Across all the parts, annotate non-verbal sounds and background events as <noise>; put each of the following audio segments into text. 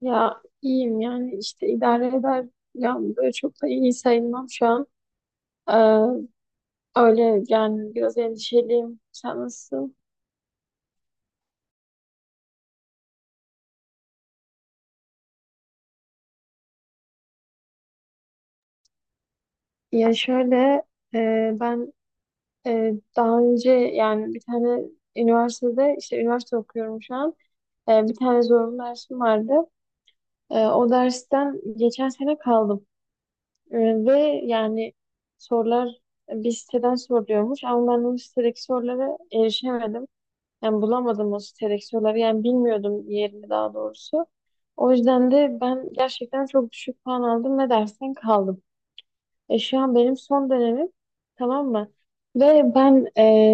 Ya iyiyim yani işte idare eder. Ya böyle çok da iyi sayılmam şu an. Ee, Öyle yani biraz endişeliyim. Sen nasılsın? Ya şöyle ben daha önce yani bir tane üniversitede işte üniversite okuyorum şu an. Bir tane zorunlu dersim vardı. O dersten geçen sene kaldım. E, Ve yani sorular bir siteden soruluyormuş ama ben o sitedeki sorulara erişemedim. Yani bulamadım o seleksiyonları. Yani bilmiyordum yerini daha doğrusu. O yüzden de ben gerçekten çok düşük puan aldım ve dersten kaldım. Şu an benim son dönemim, tamam mı? Ve ben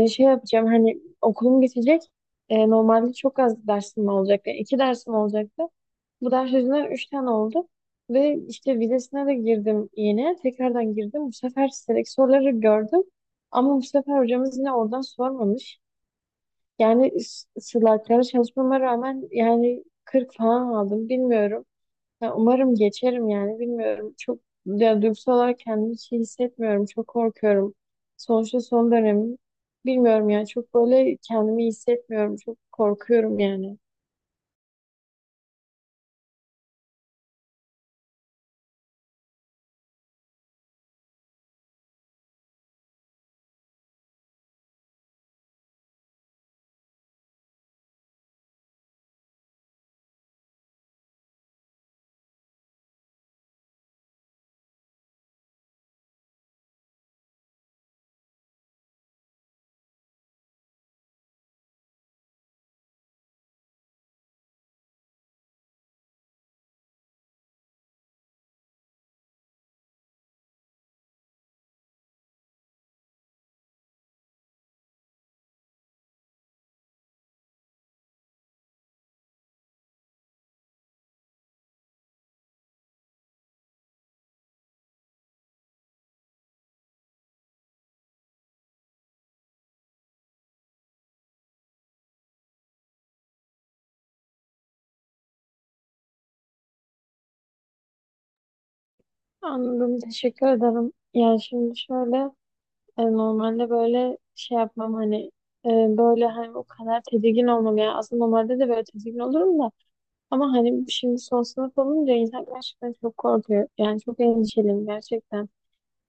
şey yapacağım, hani okulum bitecek. Normalde çok az dersim olacaktı. Yani iki dersim olacaktı. Bu ders yüzünden üç tane oldu. Ve işte vizesine de girdim yine. Tekrardan girdim. Bu sefer seleksiyonları gördüm. Ama bu sefer hocamız yine oradan sormamış. Yani slaytlara çalışmama rağmen yani 40 falan aldım, bilmiyorum. Ya umarım geçerim yani, bilmiyorum. Çok, ya duygusal olarak kendimi hiç iyi hissetmiyorum. Çok korkuyorum. Sonuçta son dönemim. Bilmiyorum yani, çok böyle kendimi iyi hissetmiyorum. Çok korkuyorum yani. Anladım, teşekkür ederim. Yani şimdi şöyle, normalde böyle şey yapmam hani, e, böyle hani o kadar tedirgin olmam yani, aslında normalde de böyle tedirgin olurum da. Ama hani şimdi son sınıf olunca insan gerçekten çok korkuyor. Yani çok endişeliyim gerçekten.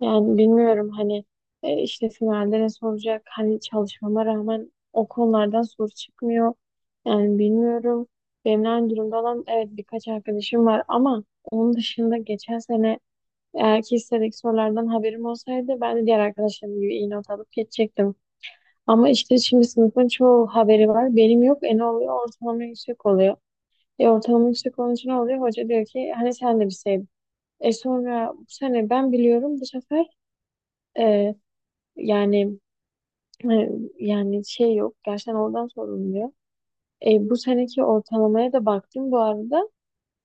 Yani bilmiyorum hani, işte finalde ne soracak? Hani çalışmama rağmen o konulardan soru çıkmıyor. Yani bilmiyorum. Benimle aynı durumda olan, evet, birkaç arkadaşım var ama onun dışında geçen sene eğer ki hissediğim sorulardan haberim olsaydı ben de diğer arkadaşlarım gibi iyi not alıp geçecektim. Ama işte şimdi sınıfın çoğu haberi var. Benim yok. Ne oluyor? Ortalama yüksek oluyor. Ortalama işte konusu ne oluyor? Hoca diyor ki hani sen de bir şey. Sonra bu sene ben biliyorum, bu sefer e, yani e, yani şey yok, gerçekten oradan sorumluyor. Bu seneki ortalamaya da baktım bu arada.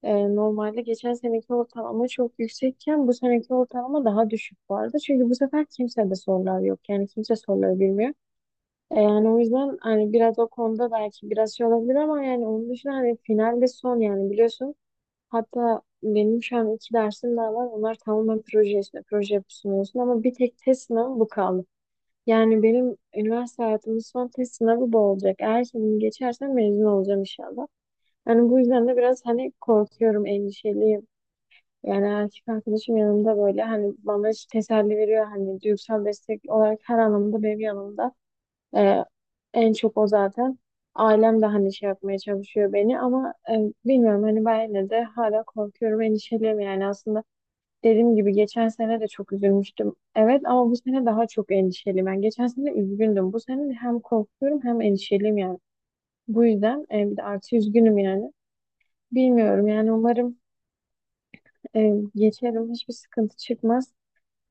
Normalde geçen seneki ortalama çok yüksekken bu seneki ortalama daha düşük bu arada. Çünkü bu sefer kimse de sorular yok. Yani kimse soruları bilmiyor. Yani o yüzden hani biraz o konuda belki biraz şey olabilir ama yani onun dışında hani finalde son yani biliyorsun. Hatta benim şu an iki dersim daha var. Onlar tamamen proje, işte proje sunuyorsun ama bir tek test sınavı bu kaldı. Yani benim üniversite hayatımın son test sınavı bu olacak. Eğer ki bunu geçersem mezun olacağım inşallah. Yani bu yüzden de biraz hani korkuyorum, endişeliyim. Yani erkek arkadaşım yanımda, böyle hani bana hiç teselli veriyor. Hani duygusal destek olarak her anlamda benim yanımda. Ee, En çok o zaten. Ailem de hani şey yapmaya çalışıyor beni ama bilmiyorum hani, ben yine de hala korkuyorum, endişeliyim yani. Aslında dediğim gibi geçen sene de çok üzülmüştüm. Evet, ama bu sene daha çok endişeliyim. Ben geçen sene üzgündüm. Bu sene hem korkuyorum hem endişeliyim yani. Bu yüzden bir de artı üzgünüm yani. Bilmiyorum yani, umarım geçerim. Hiçbir sıkıntı çıkmaz.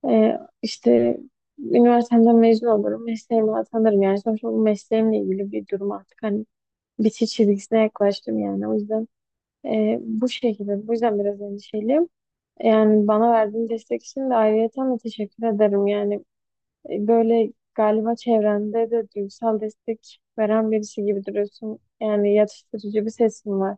İşte üniversiteden mezun olurum. Mesleğime atanırım. Yani sonuçta bu mesleğimle ilgili bir durum artık. Hani bitiş çizgisine yaklaştım yani. O yüzden bu şekilde, bu yüzden biraz endişeliyim. Yani bana verdiğin destek için de ayrıyeten de teşekkür ederim. Yani böyle galiba çevrende de duygusal destek veren birisi gibi duruyorsun. Yani yatıştırıcı bir sesin var.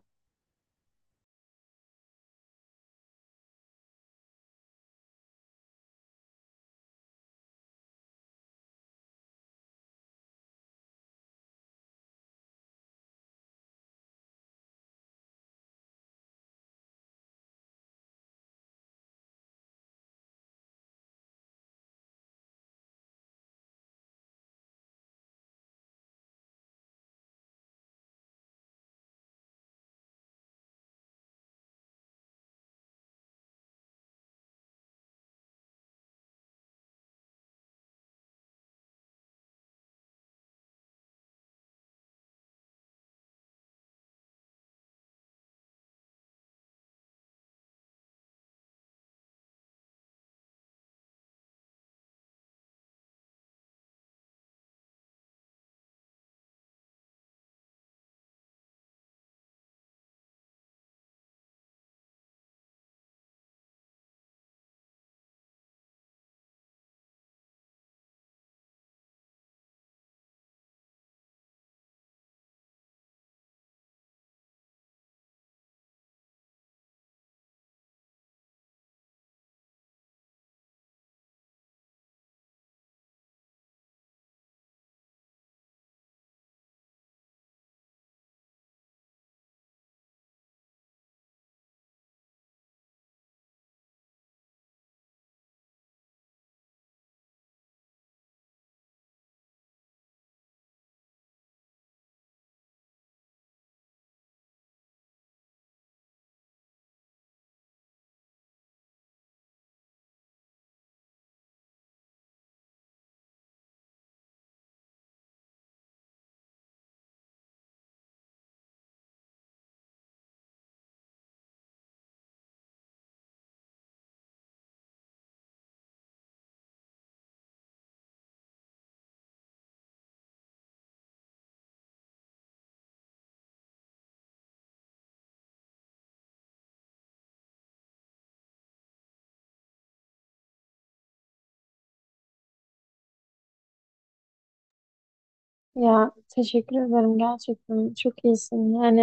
Ya teşekkür ederim, gerçekten çok iyisin. Yani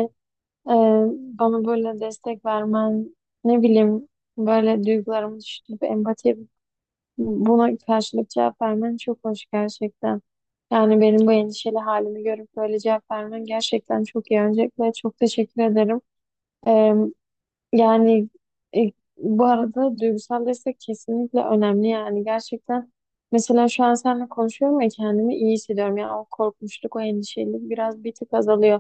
e, bana böyle destek vermen, ne bileyim, böyle duygularımı düşünüp empati, buna karşılık cevap vermen çok hoş gerçekten. Yani benim bu endişeli halimi görüp böyle cevap vermen gerçekten çok iyi. Öncelikle çok teşekkür ederim. Ee, Yani, e, bu arada duygusal destek kesinlikle önemli yani, gerçekten. Mesela şu an seninle konuşuyorum ya, kendimi iyi hissediyorum. Yani o korkmuşluk, o endişeli biraz bir tık azalıyor.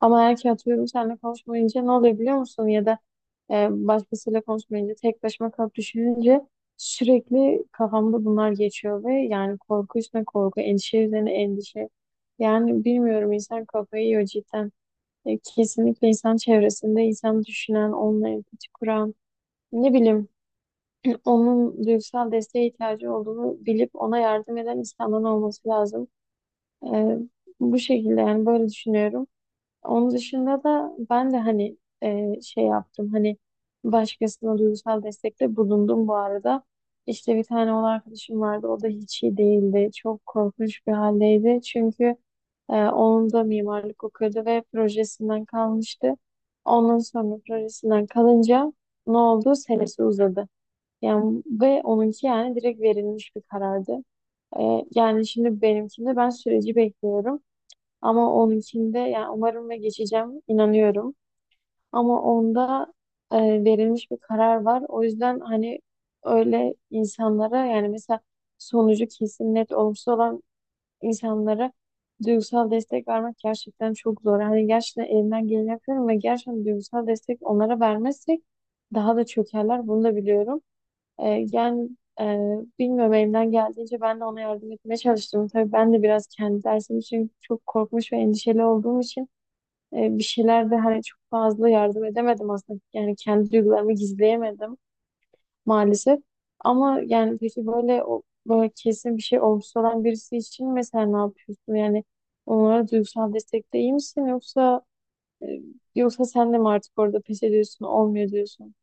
Ama eğer ki atıyorum seninle konuşmayınca ne oluyor biliyor musun? Ya da başkasıyla konuşmayınca tek başıma kalıp düşününce sürekli kafamda bunlar geçiyor ve yani korku üstüne korku, endişe üzerine endişe. Yani bilmiyorum, insan kafayı yiyor cidden. Kesinlikle insan çevresinde insan düşünen, onunla empati kuran, ne bileyim, <clears throat> onun duygusal desteğe ihtiyacı olduğunu bilip ona yardım eden insanların olması lazım. E, Bu şekilde yani, böyle düşünüyorum. Onun dışında da ben de hani şey yaptım, hani başkasına duygusal destekte bulundum bu arada. İşte bir tane oğul arkadaşım vardı, o da hiç iyi değildi. Çok korkunç bir haldeydi çünkü onun da mimarlık okuyordu ve projesinden kalmıştı. Ondan sonra projesinden kalınca ne oldu? Senesi uzadı. Yani ve onunki yani direkt verilmiş bir karardı. Yani şimdi benimkinde ben süreci bekliyorum. Ama onunkinde yani umarım ve geçeceğim, inanıyorum. Ama onda e, verilmiş bir karar var. O yüzden hani öyle insanlara, yani mesela sonucu kesin net olumsuz olan insanlara duygusal destek vermek gerçekten çok zor. Hani gerçekten elimden geleni yapıyorum ve gerçekten duygusal destek onlara vermezsek daha da çökerler. Bunu da biliyorum. Yani, e, bilmiyorum, elimden geldiğince ben de ona yardım etmeye çalıştım. Tabii ben de biraz kendi dersim için çok korkmuş ve endişeli olduğum için bir şeyler de hani çok fazla yardım edemedim aslında. Yani kendi duygularımı gizleyemedim maalesef. Ama yani peki böyle, o böyle kesin bir şey olgusu olan birisi için mesela ne yapıyorsun? Yani onlara duygusal destekte iyi misin, yoksa e, yoksa sen de mi artık orada pes ediyorsun, olmuyor diyorsun?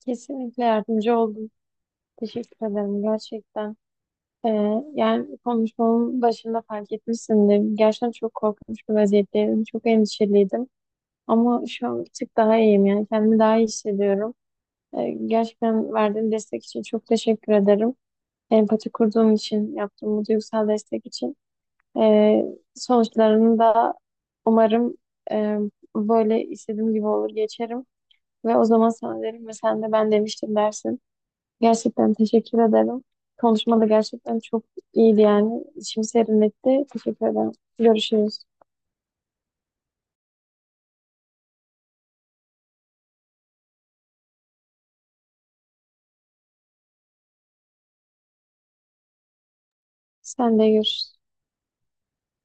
Kesinlikle yardımcı oldum. Teşekkür ederim gerçekten. Ee, Yani konuşmamın başında fark etmişsindir. Gerçekten çok korkmuş bir vaziyetteydim. Çok endişeliydim. Ama şu an bir tık daha iyiyim. Yani kendimi daha iyi hissediyorum. Gerçekten verdiğin destek için çok teşekkür ederim. Empati kurduğun için, yaptığın bu duygusal destek için. Ee, Sonuçlarını da umarım e, böyle istediğim gibi olur, geçerim. Ve o zaman sana derim ve sen de "ben demiştim" dersin. Gerçekten teşekkür ederim. Konuşma da gerçekten çok iyiydi yani. İçimi serinletti. Teşekkür ederim. Görüşürüz. Sen de görüşürüz.